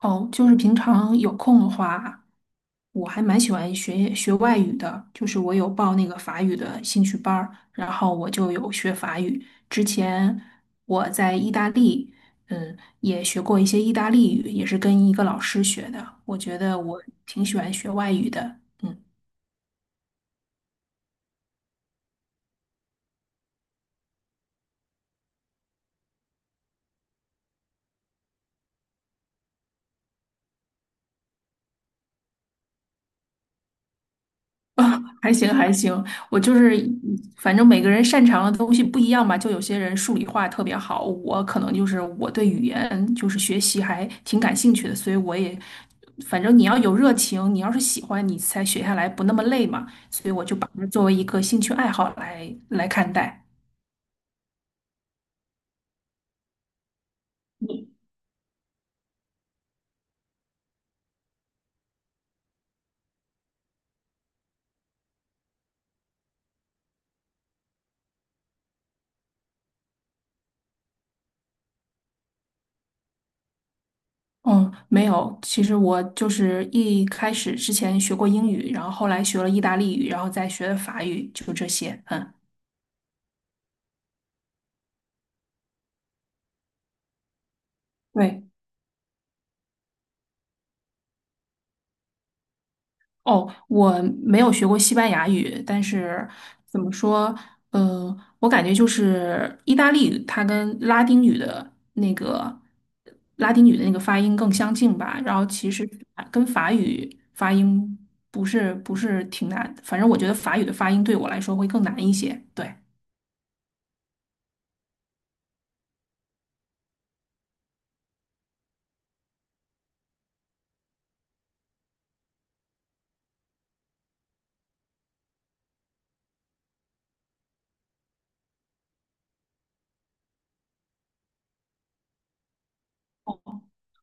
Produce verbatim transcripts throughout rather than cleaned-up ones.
哦，就是平常有空的话，我还蛮喜欢学学外语的，就是我有报那个法语的兴趣班儿，然后我就有学法语。之前我在意大利，嗯，也学过一些意大利语，也是跟一个老师学的。我觉得我挺喜欢学外语的，嗯。啊，还行还行，我就是反正每个人擅长的东西不一样吧，就有些人数理化特别好，我可能就是我对语言就是学习还挺感兴趣的，所以我也反正你要有热情，你要是喜欢，你才学下来不那么累嘛，所以我就把它作为一个兴趣爱好来来看待。嗯，没有，其实我就是一开始之前学过英语，然后后来学了意大利语，然后再学的法语，就这些。嗯，对。哦，我没有学过西班牙语，但是怎么说，呃，我感觉就是意大利语，它跟拉丁语的那个拉丁语的那个发音更相近吧。然后其实啊跟法语发音不是不是挺难，反正我觉得法语的发音对我来说会更难一些。对，哦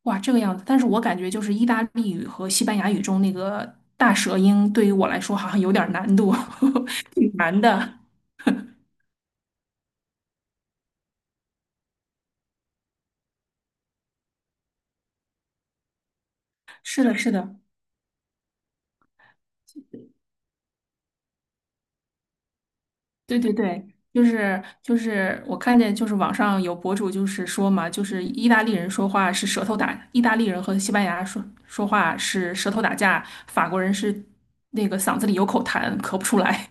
哇，这个样子。但是我感觉就是意大利语和西班牙语中那个大舌音，对于我来说好像有点儿难度，挺难的。是的，是的。对对对，就是就是我看见就是网上有博主就是说嘛，就是意大利人说话是舌头打，意大利人和西班牙说说话是舌头打架，法国人是那个嗓子里有口痰，咳不出来。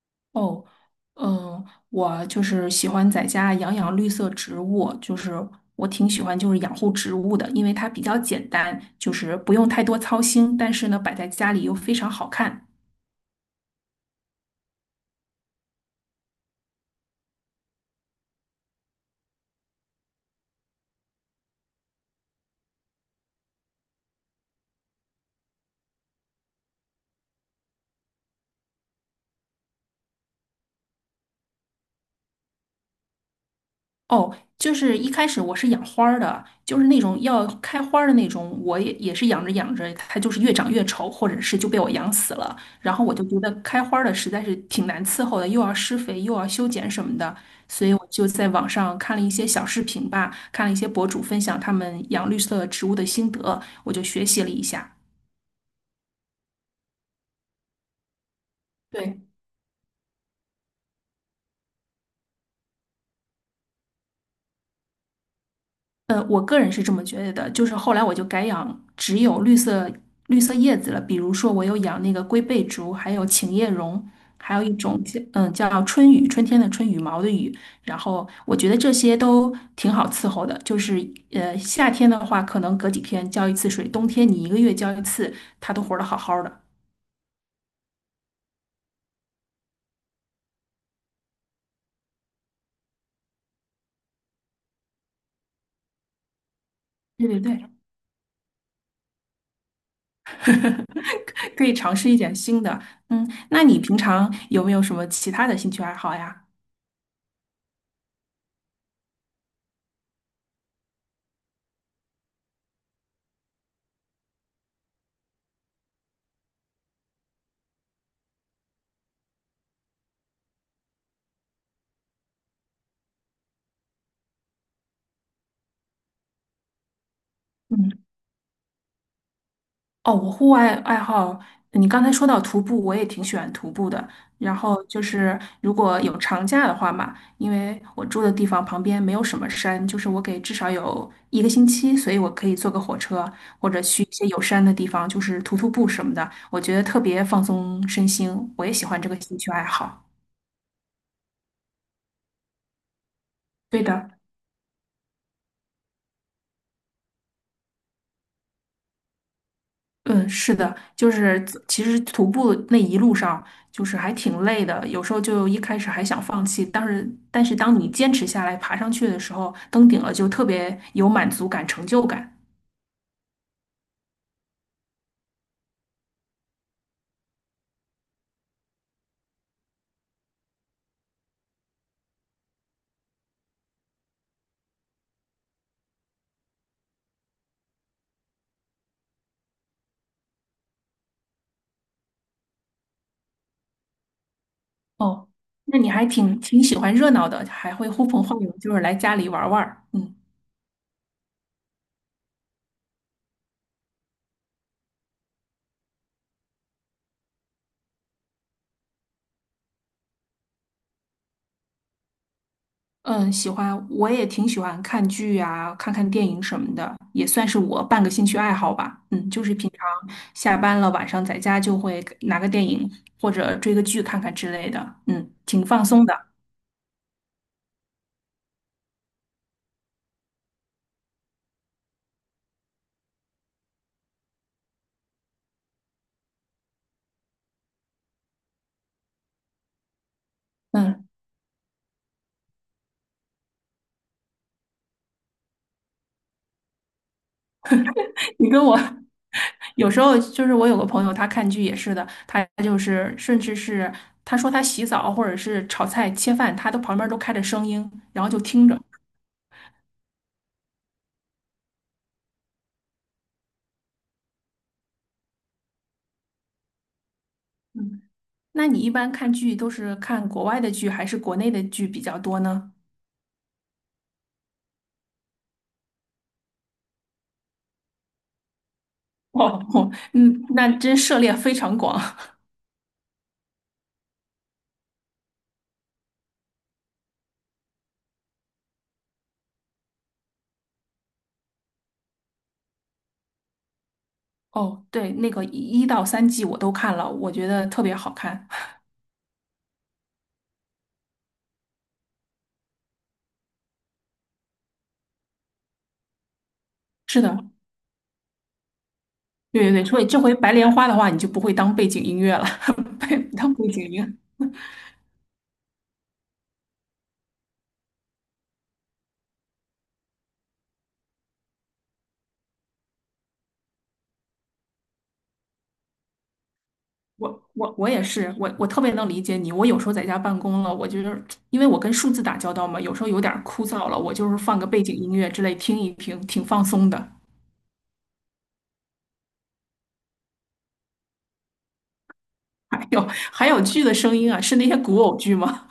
哦，嗯，我就是喜欢在家养养绿色植物，就是我挺喜欢就是养护植物的，因为它比较简单，就是不用太多操心，但是呢摆在家里又非常好看。哦，就是一开始我是养花儿的，就是那种要开花儿的那种，我也也是养着养着，它就是越长越丑，或者是就被我养死了。然后我就觉得开花儿的实在是挺难伺候的，又要施肥，又要修剪什么的，所以我就在网上看了一些小视频吧，看了一些博主分享他们养绿色植物的心得，我就学习了一下。对。呃，我个人是这么觉得的，就是后来我就改养只有绿色绿色叶子了，比如说我有养那个龟背竹，还有琴叶榕，还有一种叫嗯叫春雨，春天的春，羽毛的雨，然后我觉得这些都挺好伺候的，就是呃夏天的话，可能隔几天浇一次水，冬天你一个月浇一次，它都活得好好的。对对对，可以尝试一点新的。嗯，那你平常有没有什么其他的兴趣爱好呀？嗯。哦，我户外爱好，你刚才说到徒步，我也挺喜欢徒步的。然后就是如果有长假的话嘛，因为我住的地方旁边没有什么山，就是我给至少有一个星期，所以我可以坐个火车或者去一些有山的地方，就是徒徒步什么的，我觉得特别放松身心。我也喜欢这个兴趣爱好。对的。嗯，是的，就是其实徒步那一路上就是还挺累的，有时候就一开始还想放弃，但是但是当你坚持下来爬上去的时候，登顶了就特别有满足感、成就感。哦，那你还挺挺喜欢热闹的，还会呼朋唤友，就是来家里玩儿玩儿。嗯。嗯，喜欢，我也挺喜欢看剧啊，看看电影什么的，也算是我半个兴趣爱好吧。嗯，就是平常下班了，晚上在家就会拿个电影或者追个剧看看之类的。嗯，挺放松的。嗯，你跟我 有时候就是我有个朋友，他看剧也是的，他就是甚至是他说他洗澡或者是炒菜切饭，他都旁边都开着声音，然后就听着。嗯，那你一般看剧都是看国外的剧还是国内的剧比较多呢？哦哦，嗯，那真涉猎非常广。哦，对，那个一到三季我都看了，我觉得特别好看。是的，对对对，所以这回白莲花的话，你就不会当背景音乐了，背当背景音乐。我我我也是，我我特别能理解你。我有时候在家办公了，我就是因为我跟数字打交道嘛，有时候有点儿枯燥了，我就是放个背景音乐之类听一听，挺放松的。还有还有剧的声音啊，是那些古偶剧吗？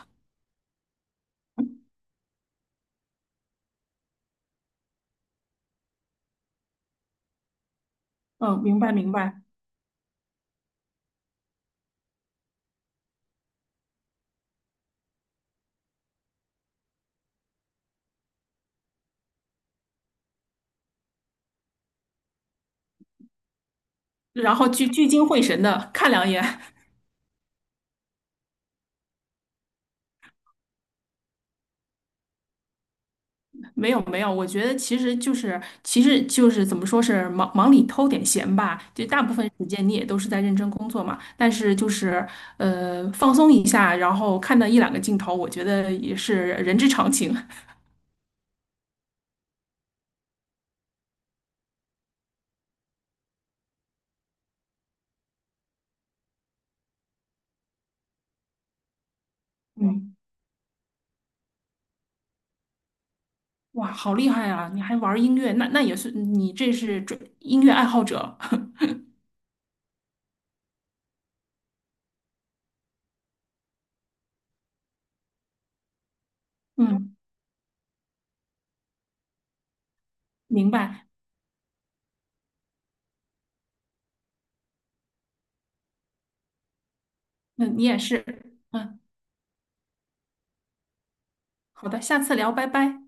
嗯，明白明白。然后聚聚精会神的看两眼。没有没有，我觉得其实就是其实就是怎么说是忙忙里偷点闲吧，就大部分时间你也都是在认真工作嘛，但是就是呃放松一下，然后看到一两个镜头，我觉得也是人之常情。嗯，哇，好厉害啊！你还玩儿音乐，那那也是你这是专音乐爱好者。嗯，明白。嗯，你也是。嗯，好的，下次聊，拜拜。